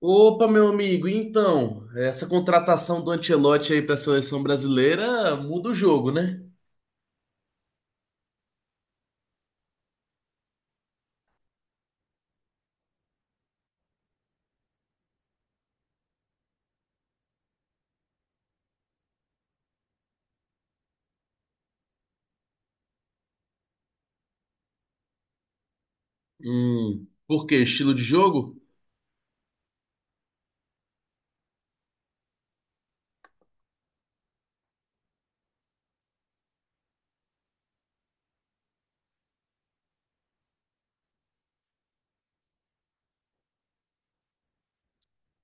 Opa, meu amigo, então, essa contratação do Ancelotti aí para a seleção brasileira muda o jogo, né? Por quê? Estilo de jogo?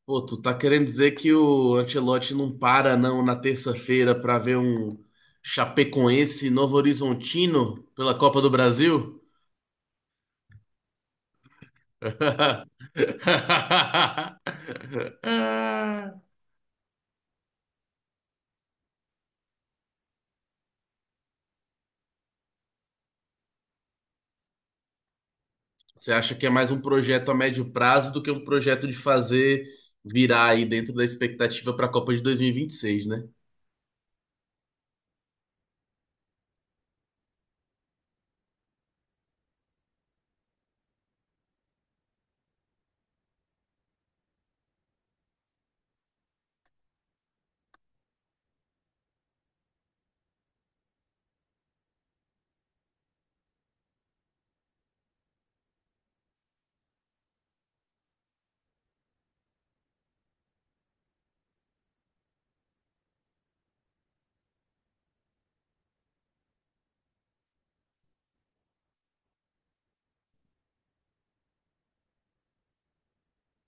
Pô, tu tá querendo dizer que o Ancelotti não para não na terça-feira para ver um Chapecoense e Novo Horizontino pela Copa do Brasil? Você acha que é mais um projeto a médio prazo do que um projeto de fazer virar aí dentro da expectativa para a Copa de dois mil e vinte e seis, né?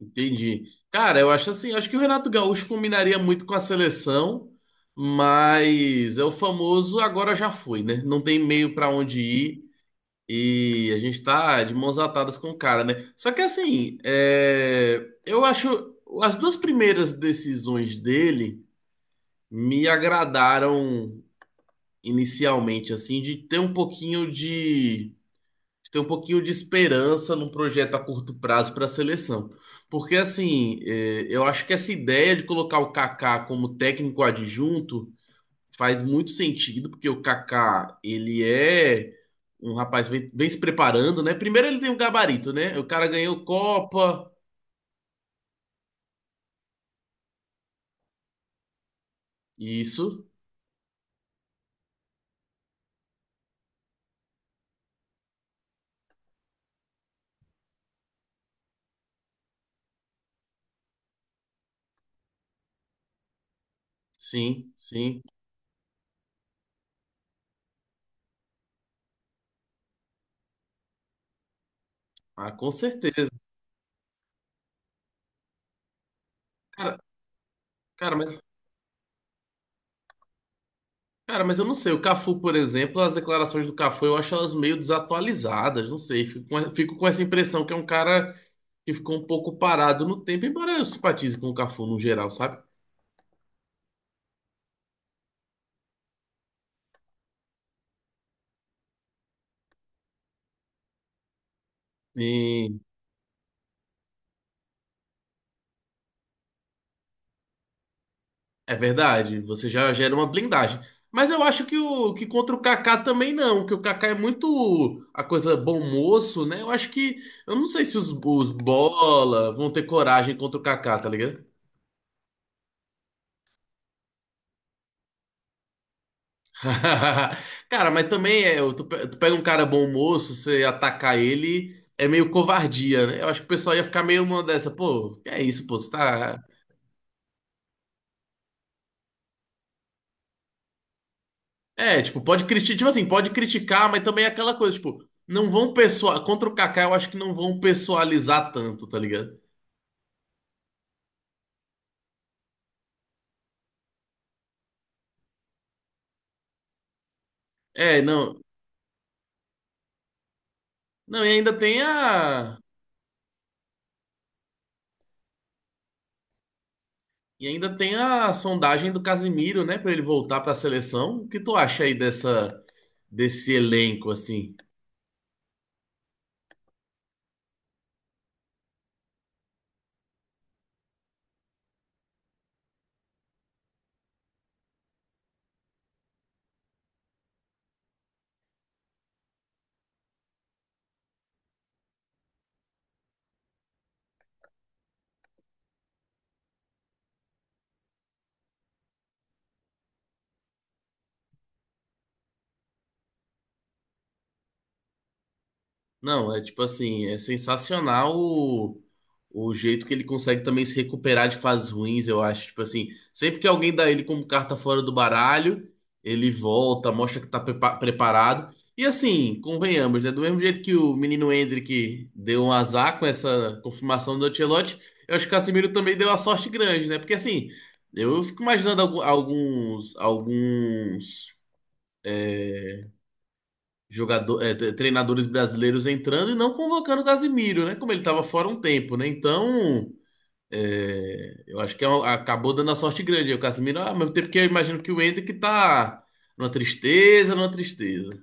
Entendi. Cara, eu acho assim, acho que o Renato Gaúcho combinaria muito com a seleção, mas é o famoso agora já foi, né? Não tem meio para onde ir e a gente tá de mãos atadas com o cara, né? Só que assim, é, eu acho as duas primeiras decisões dele me agradaram inicialmente, assim, de ter um pouquinho de ter um pouquinho de esperança num projeto a curto prazo para a seleção. Porque, assim, eu acho que essa ideia de colocar o Kaká como técnico adjunto faz muito sentido, porque o Kaká, ele é um rapaz vem se preparando, né? Primeiro ele tem um gabarito, né? O cara ganhou Copa, isso, sim, sim. Ah, com certeza. Cara, cara, mas Cara, mas eu não sei. O Cafu, por exemplo, as declarações do Cafu eu acho elas meio desatualizadas. Não sei. Fico com essa impressão que é um cara que ficou um pouco parado no tempo, embora eu simpatize com o Cafu no geral, sabe? E é verdade, você já gera uma blindagem. Mas eu acho que contra o Kaká também não, que o Kaká é muito a coisa bom moço, né? Eu acho que. Eu não sei se os bola vão ter coragem contra o Kaká, tá ligado? Cara, mas também é, tu pega um cara bom moço, você atacar ele é meio covardia, né? Eu acho que o pessoal ia ficar meio uma dessa, pô, que é isso, pô, você tá. É, tipo, pode criticar, tipo assim, pode criticar, mas também é aquela coisa, tipo, não vão pessoal, contra o Kaká eu acho que não vão pessoalizar tanto, tá ligado? É, não. Não, e ainda tem a sondagem do Casimiro, né, pra ele voltar pra seleção. O que tu acha aí dessa desse elenco assim? Não, é tipo assim, é sensacional o jeito que ele consegue também se recuperar de fases ruins, eu acho. Tipo assim, sempre que alguém dá ele como carta fora do baralho, ele volta, mostra que tá preparado. E assim, convenhamos, né? Do mesmo jeito que o menino Endrick deu um azar com essa confirmação do Ancelotti, eu acho que o Casemiro também deu uma sorte grande, né? Porque assim, eu fico imaginando alguns jogador, treinadores brasileiros entrando e não convocando o Casimiro, né? Como ele estava fora um tempo, né? Então, eu acho que acabou dando a sorte grande aí o Casimiro, ah, ao mesmo tempo que eu imagino que o Hendrick tá numa tristeza, numa tristeza.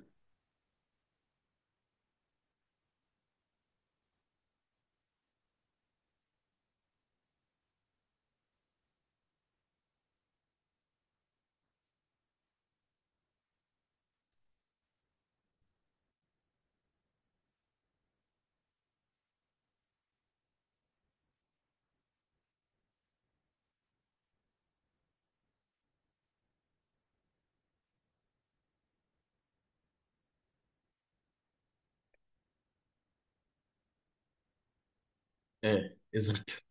É, exato.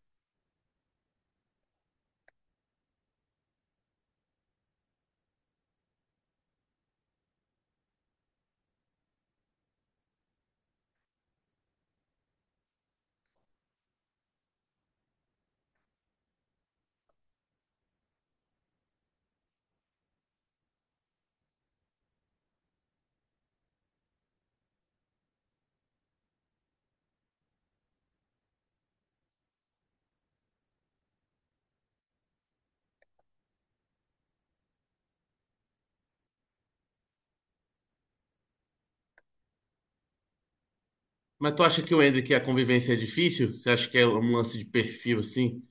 Mas tu acha que o Hendrick, a convivência é difícil? Você acha que é um lance de perfil assim?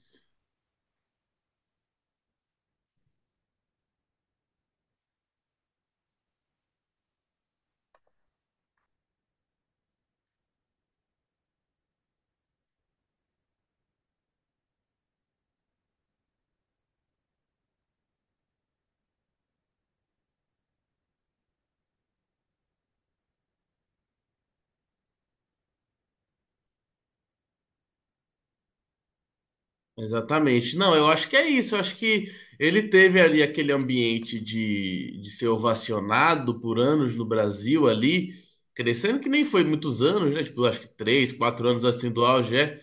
Exatamente. Não, eu acho que é isso. Eu acho que ele teve ali aquele ambiente de ser ovacionado por anos no Brasil ali, crescendo que nem foi muitos anos, né? Tipo, acho que 3, 4 anos assim do auge, é.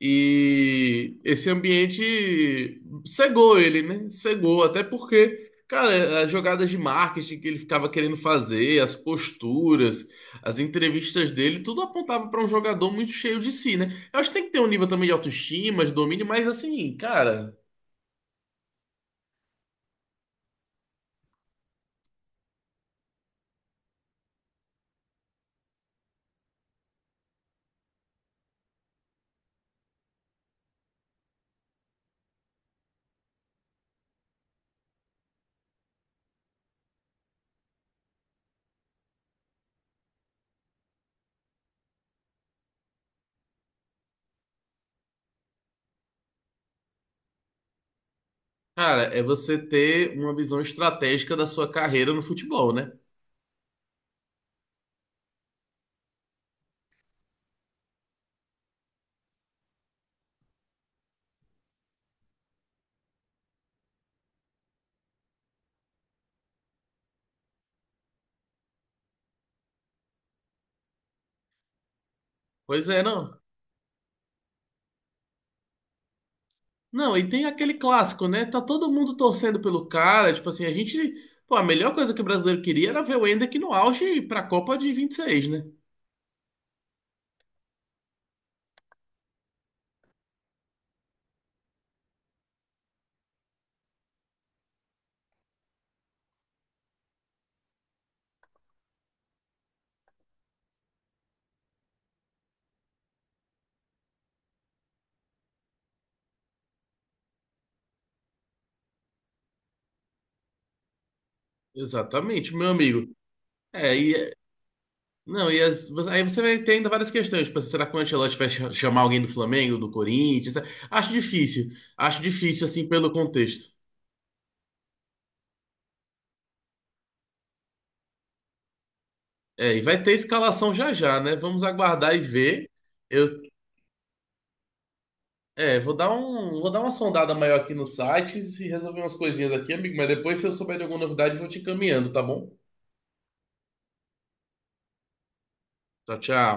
E esse ambiente cegou ele, né? Cegou, até porque, cara, as jogadas de marketing que ele ficava querendo fazer, as posturas, as entrevistas dele, tudo apontava para um jogador muito cheio de si, né? Eu acho que tem que ter um nível também de autoestima, de domínio, mas assim, cara, é você ter uma visão estratégica da sua carreira no futebol, né? Pois é, não. Não, e tem aquele clássico, né? Tá todo mundo torcendo pelo cara. Tipo assim, a gente. Pô, a melhor coisa que o brasileiro queria era ver o Endrick no auge pra Copa de 26, né? Exatamente, meu amigo. É, e. é- Não, e aí você vai ter ainda várias questões. Tipo, assim, será que o Ancelotti vai chamar alguém do Flamengo, do Corinthians? Acho difícil. Acho difícil, assim, pelo contexto. É, e vai ter escalação já já, né? Vamos aguardar e ver. Eu É, vou dar um, vou dar uma sondada maior aqui nos sites e resolver umas coisinhas aqui, amigo. Mas depois, se eu souber de alguma novidade, eu vou te encaminhando, tá bom? Tchau, tchau.